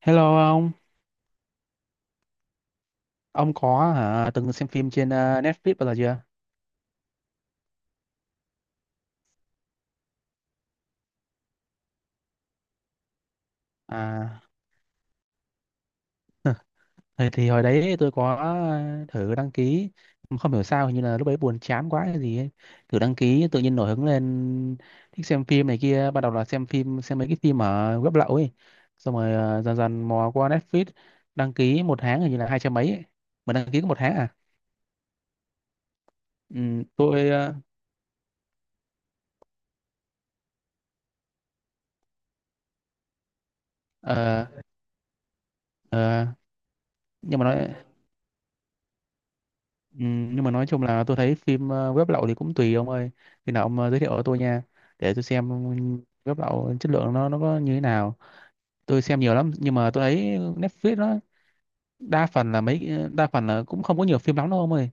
Hello ông có hả, từng xem phim trên Netflix bao giờ chưa? À, thì hồi đấy tôi có thử đăng ký, không hiểu sao hình như là lúc đấy buồn chán quá hay gì ấy. Thử đăng ký tự nhiên nổi hứng lên thích xem phim này kia, ban đầu là xem mấy cái phim ở web lậu ấy. Xong rồi dần dần mò qua Netflix, đăng ký một tháng hình như là hai trăm mấy ấy. Mà đăng ký có một tháng à? Ừ, tôi ờ, ờ, nhưng mà nó. Ừ, nhưng mà nói chung là tôi thấy phim web lậu thì cũng tùy ông ơi, khi nào ông giới thiệu cho tôi nha, để tôi xem web lậu chất lượng nó có như thế nào. Tôi xem nhiều lắm nhưng mà tôi thấy Netflix nó đa phần là cũng không có nhiều phim lắm đâu ông ơi,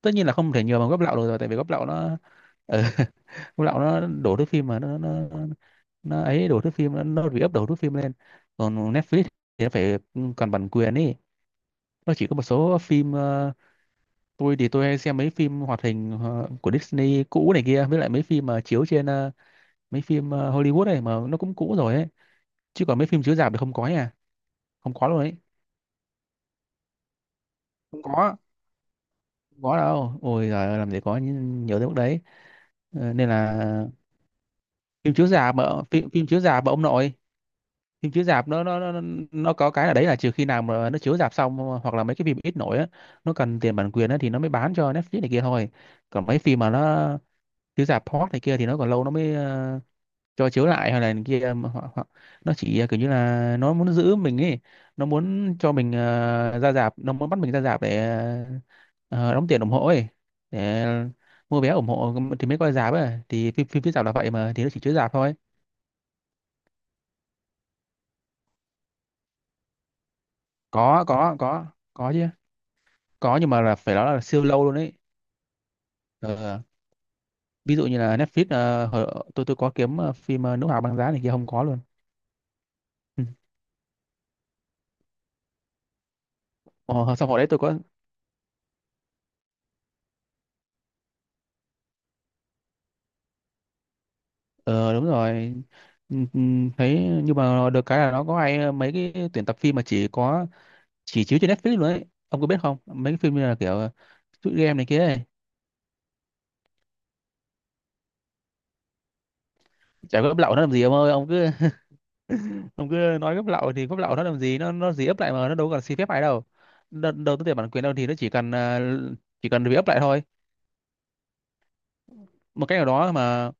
tất nhiên là không thể nhiều bằng web lậu được rồi, tại vì web lậu nó ừ, web lậu nó đổ thứ phim mà nó ấy, đổ thước phim nó re-up đổ thước phim lên. Còn Netflix thì nó phải còn bản quyền ý, nó chỉ có một số phim tôi thì tôi hay xem mấy phim hoạt hình của Disney cũ này kia, với lại mấy phim mà chiếu trên mấy phim Hollywood này mà nó cũng cũ rồi ấy. Chứ còn mấy phim chiếu rạp thì không có nha, không có luôn ấy, không có, không có đâu, ôi giời ơi, làm gì có nhiều tới mức đấy. Ờ, nên là phim chiếu rạp mà, phim chiếu rạp mà ông nội, phim chiếu rạp nó nó có cái là đấy là trừ khi nào mà nó chiếu rạp xong, hoặc là mấy cái phim ít nổi á, nó cần tiền bản quyền á thì nó mới bán cho Netflix này kia thôi. Còn mấy phim mà nó chiếu rạp hot này kia thì nó còn lâu nó mới cho chiếu lại hay là này kia, mà họ nó chỉ kiểu như là nó muốn giữ mình ấy, nó muốn cho mình ra rạp, nó muốn bắt mình ra rạp để ờ, đóng tiền ủng hộ ấy, để mua vé ủng hộ thì mới coi rạp ấy, thì phim phim phía rạp là vậy mà, thì nó chỉ chiếu rạp thôi. có có có có chứ, có, nhưng mà là phải nói là siêu lâu luôn ấy. Ờ, ví dụ như là Netflix tôi có kiếm phim Nữ Hoàng Băng Giá này kia, không có luôn. Ừ. Ờ, xong hồi đấy tôi có. Ờ đúng rồi. Ừ, ừ, thấy nhưng mà được cái là nó có hay mấy cái tuyển tập phim mà chỉ chiếu trên Netflix luôn ấy, ông có biết không, mấy cái phim như là kiểu shoot game này kia ấy. Chả có gấp lậu nó làm gì ông ơi, ông cứ ông cứ nói gấp lậu thì gấp lậu nó làm gì, nó gì ấp lại mà nó đâu cần xin phép ai đâu đâu đầu tư tiền bản quyền đâu, thì nó chỉ cần bị ấp lại thôi, một cách nào đó mà.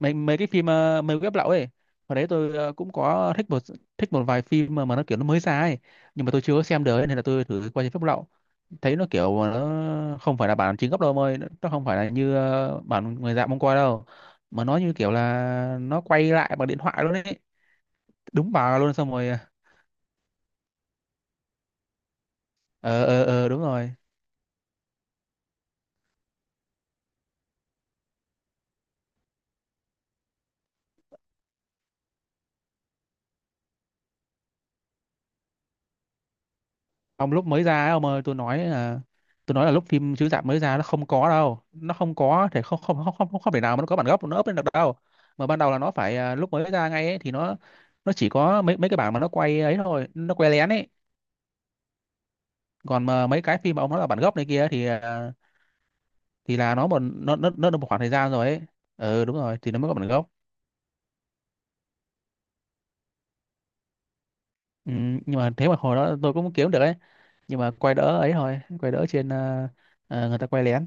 Mấy mấy cái phim mấy web lậu ấy, hồi đấy tôi cũng có thích một vài phim mà nó kiểu nó mới ra ấy, nhưng mà tôi chưa có xem được ấy, nên là tôi thử qua trên phép lậu, thấy nó kiểu mà nó không phải là bản chính gốc đâu, mời nó không phải là như bản người dạng mong coi đâu, mà nó như kiểu là nó quay lại bằng điện thoại luôn ấy, đúng bà luôn. Xong rồi ờ đúng rồi. Ông lúc mới ra ấy, ông ơi, tôi nói là lúc phim chiếu rạp mới ra nó không có đâu, nó không có thể, không không không không không thể nào mà nó có bản gốc nó up lên được đâu, mà ban đầu là nó phải lúc mới ra ngay ấy, thì nó chỉ có mấy mấy cái bản mà nó quay ấy thôi, nó quay lén ấy. Còn mà mấy cái phim mà ông nói là bản gốc này kia thì thì là nó được một khoảng thời gian rồi ấy. Ừ đúng rồi, thì nó mới có bản gốc. Ừ, nhưng mà thế mà hồi đó tôi cũng kiếm được ấy, nhưng mà quay đỡ ấy thôi, quay đỡ trên người ta quay lén.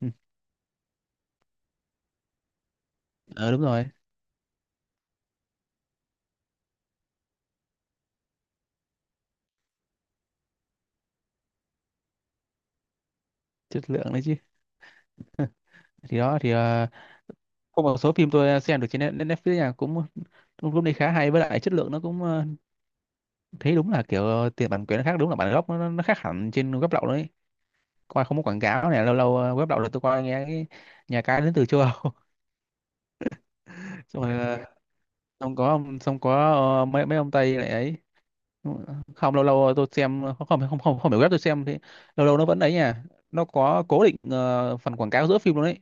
Ừ, ừ đúng rồi, chất lượng đấy chứ. Thì đó thì có một số phim tôi xem được trên Netflix nha, cũng cũng cũng đi khá hay, với lại chất lượng nó cũng thấy đúng là kiểu tiền bản quyền nó khác, đúng là bản gốc nó khác hẳn trên web lậu đấy, coi không có quảng cáo này, lâu lâu web lậu là tôi coi nghe cái nhà cái đến từ châu Âu. Xong rồi xong có ông- xong có ờ, mấy mấy ông Tây lại ấy, không lâu lâu tôi xem không không không không, không phải web tôi xem thì lâu lâu nó vẫn ấy nha, nó có cố định phần quảng cáo giữa phim luôn đấy,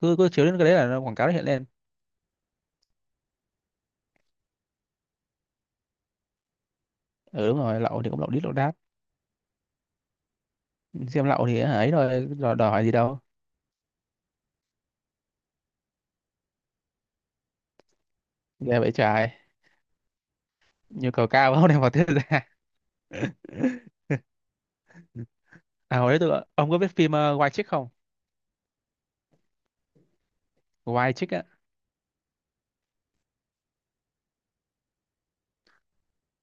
cứ cứ chiếu đến cái đấy là nó quảng cáo, nó hiện lên. Ừ đúng rồi, lậu thì cũng lậu đít lậu đát, xem lậu thì ấy rồi, đòi gì đâu. Ghê vậy trời, nhu cầu cao không đem vào tiết ra. À, hồi đấy tôi, ông có biết phim White Chick không, White Chick á.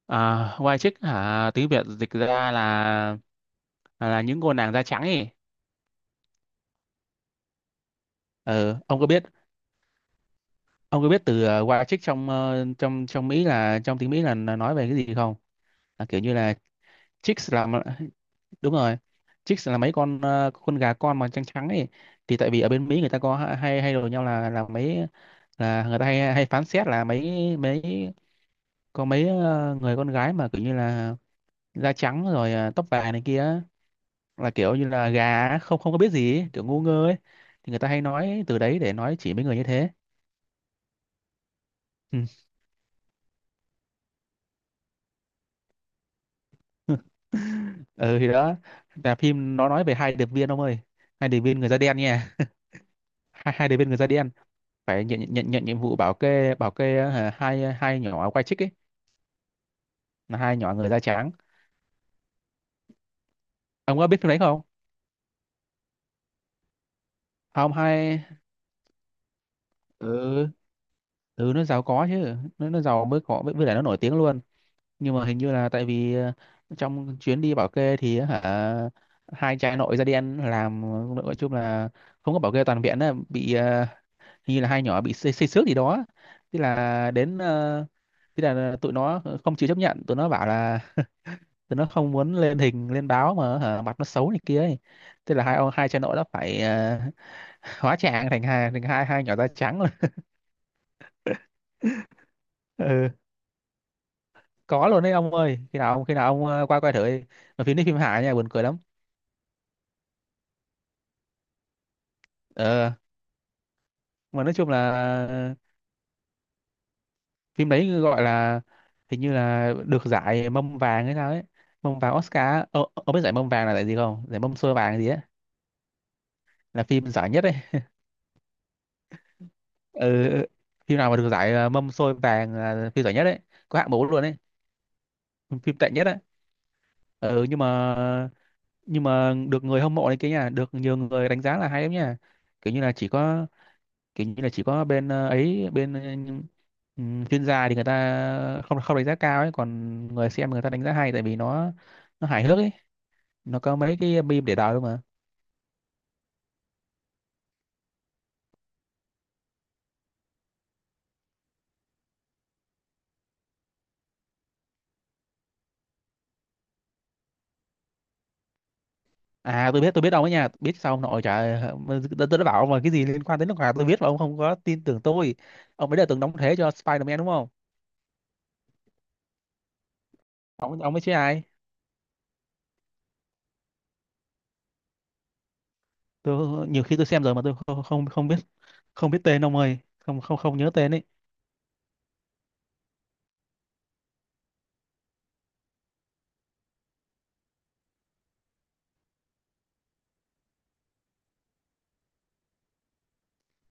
À, White Chick hả, tiếng Việt dịch ra là những cô nàng da trắng ấy. Ừ, ông có biết từ White Chick trong ờ, trong trong Mỹ, trong tiếng Mỹ là nói về cái gì không, là kiểu như là chicks là, đúng rồi, chicks là mấy con con gà con mà trắng trắng ấy. Thì tại vì ở bên Mỹ người ta có ha- hay hay đồn nhau là mấy là, người ta hay hay phán xét là mấy mấy có mấy người con gái mà kiểu như là da trắng rồi, tóc vàng này kia á, là kiểu như là gà á, không không có biết gì ấy, kiểu ngu ngơ ấy, thì người ta hay nói từ đấy để nói chỉ mấy người như thế. Ừ. Ừ, thì đó, là phim nó nói về hai điệp viên ông ơi, hai điệp viên người da đen nha. hai hai điệp viên người da đen phải nhận nhận nhận nhiệm vụ bảo kê, hai nhỏ quay chích ấy, là hai nhỏ người da trắng. Ông có biết phim đấy không? Không, hai, ừ, ừ, nó giàu có chứ, nó giàu mới có, với lại nó nổi tiếng luôn. Nhưng mà hình như là tại vì trong chuyến đi bảo kê thì hả, hai trai nội da đen làm, nói chung là không có bảo kê toàn viện á, bị hình như là hai nhỏ bị xây xước gì đó. Tức là tức là tụi nó không chịu chấp nhận, tụi nó bảo là, thì nó không muốn lên hình lên báo mà hả, mặt nó xấu này kia ấy. Thế là hai cha nội đã phải hóa trang thành hai hai nhỏ da trắng rồi. Ừ, có luôn đấy ông ơi, khi nào ông qua coi thử đi, mà phim đấy phim hài nha, buồn cười lắm. ờ mà nói chung là ờ, phim đấy gọi là, hình như là được giải mâm vàng hay sao ấy, mâm vàng Oscar á. Ờ, ông biết giải mâm vàng là giải gì không, giải mâm xôi vàng gì ấy, là phim giải nhất đấy. Ừ, ừ, ừ. Phim nào mà được giải mâm xôi vàng là phim giải nhất đấy, có hạng mũ luôn đấy, phim tệ nhất á. Ừ, nhưng mà được người hâm mộ này kia nha, được nhiều người đánh giá là hay lắm nha, kiểu như là chỉ có kiểu như là chỉ có bên ừ, chuyên gia thì người ta không không đánh giá cao ấy, còn người xem người ta đánh giá hay tại vì nó hài hước ấy, nó có mấy cái meme để đời luôn mà. À tôi biết ông ấy nha, biết sao ông nội trời ơi, tôi đã bảo ông là cái gì liên quan đến nước ngoài tôi biết mà ông không có tin tưởng tôi. Ông ấy đã từng đóng thế cho Spider-Man đúng không, ông ấy chứ ai. Tôi nhiều khi tôi xem rồi mà tôi không không không biết, không biết tên ông ơi, không không không nhớ tên ấy.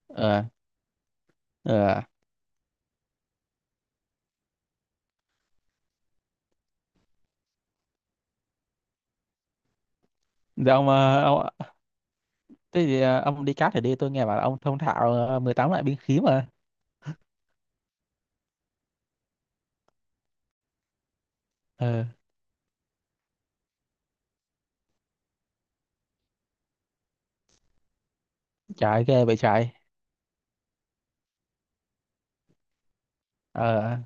ờ ờ Thì ông, ông thế thì ông đi cát thì đi, tôi nghe bảo là ông thông thạo 18 loại binh khí mà. ờ Trời ghê vậy trái. ờ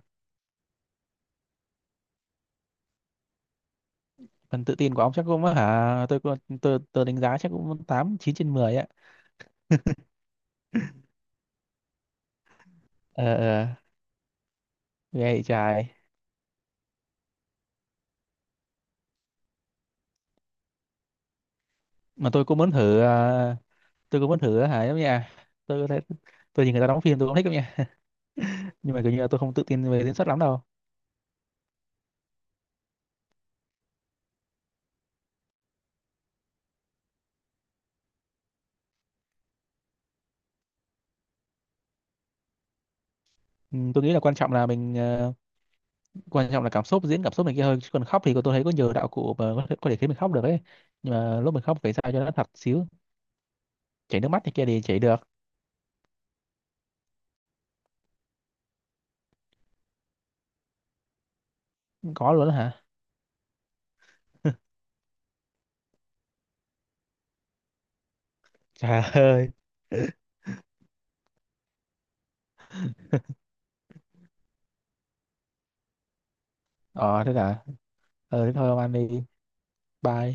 Phần tự tin của ông chắc cũng hả, tôi đánh giá chắc cũng tám chín trên 10 á. ờ ờ Ghê vậy trời. Mà tôi cũng muốn thử hả, giống như tôi thấy tôi nhìn người ta đóng phim tôi cũng thích lắm nha, nhưng mà kiểu như là tôi không tự tin về diễn xuất lắm đâu. Ừ, tôi nghĩ là quan trọng là mình quan trọng là cảm xúc, diễn cảm xúc này kia hơn, chứ còn khóc thì tôi thấy có nhiều đạo cụ mà có thể khiến mình khóc được ấy. Nhưng mà lúc mình khóc phải sao cho nó thật xíu, chảy nước mắt này kia thì chảy được. Có luôn đó hả. Trời ơi. Ờ thế cả ờ Thế thôi ông ăn đi, bye.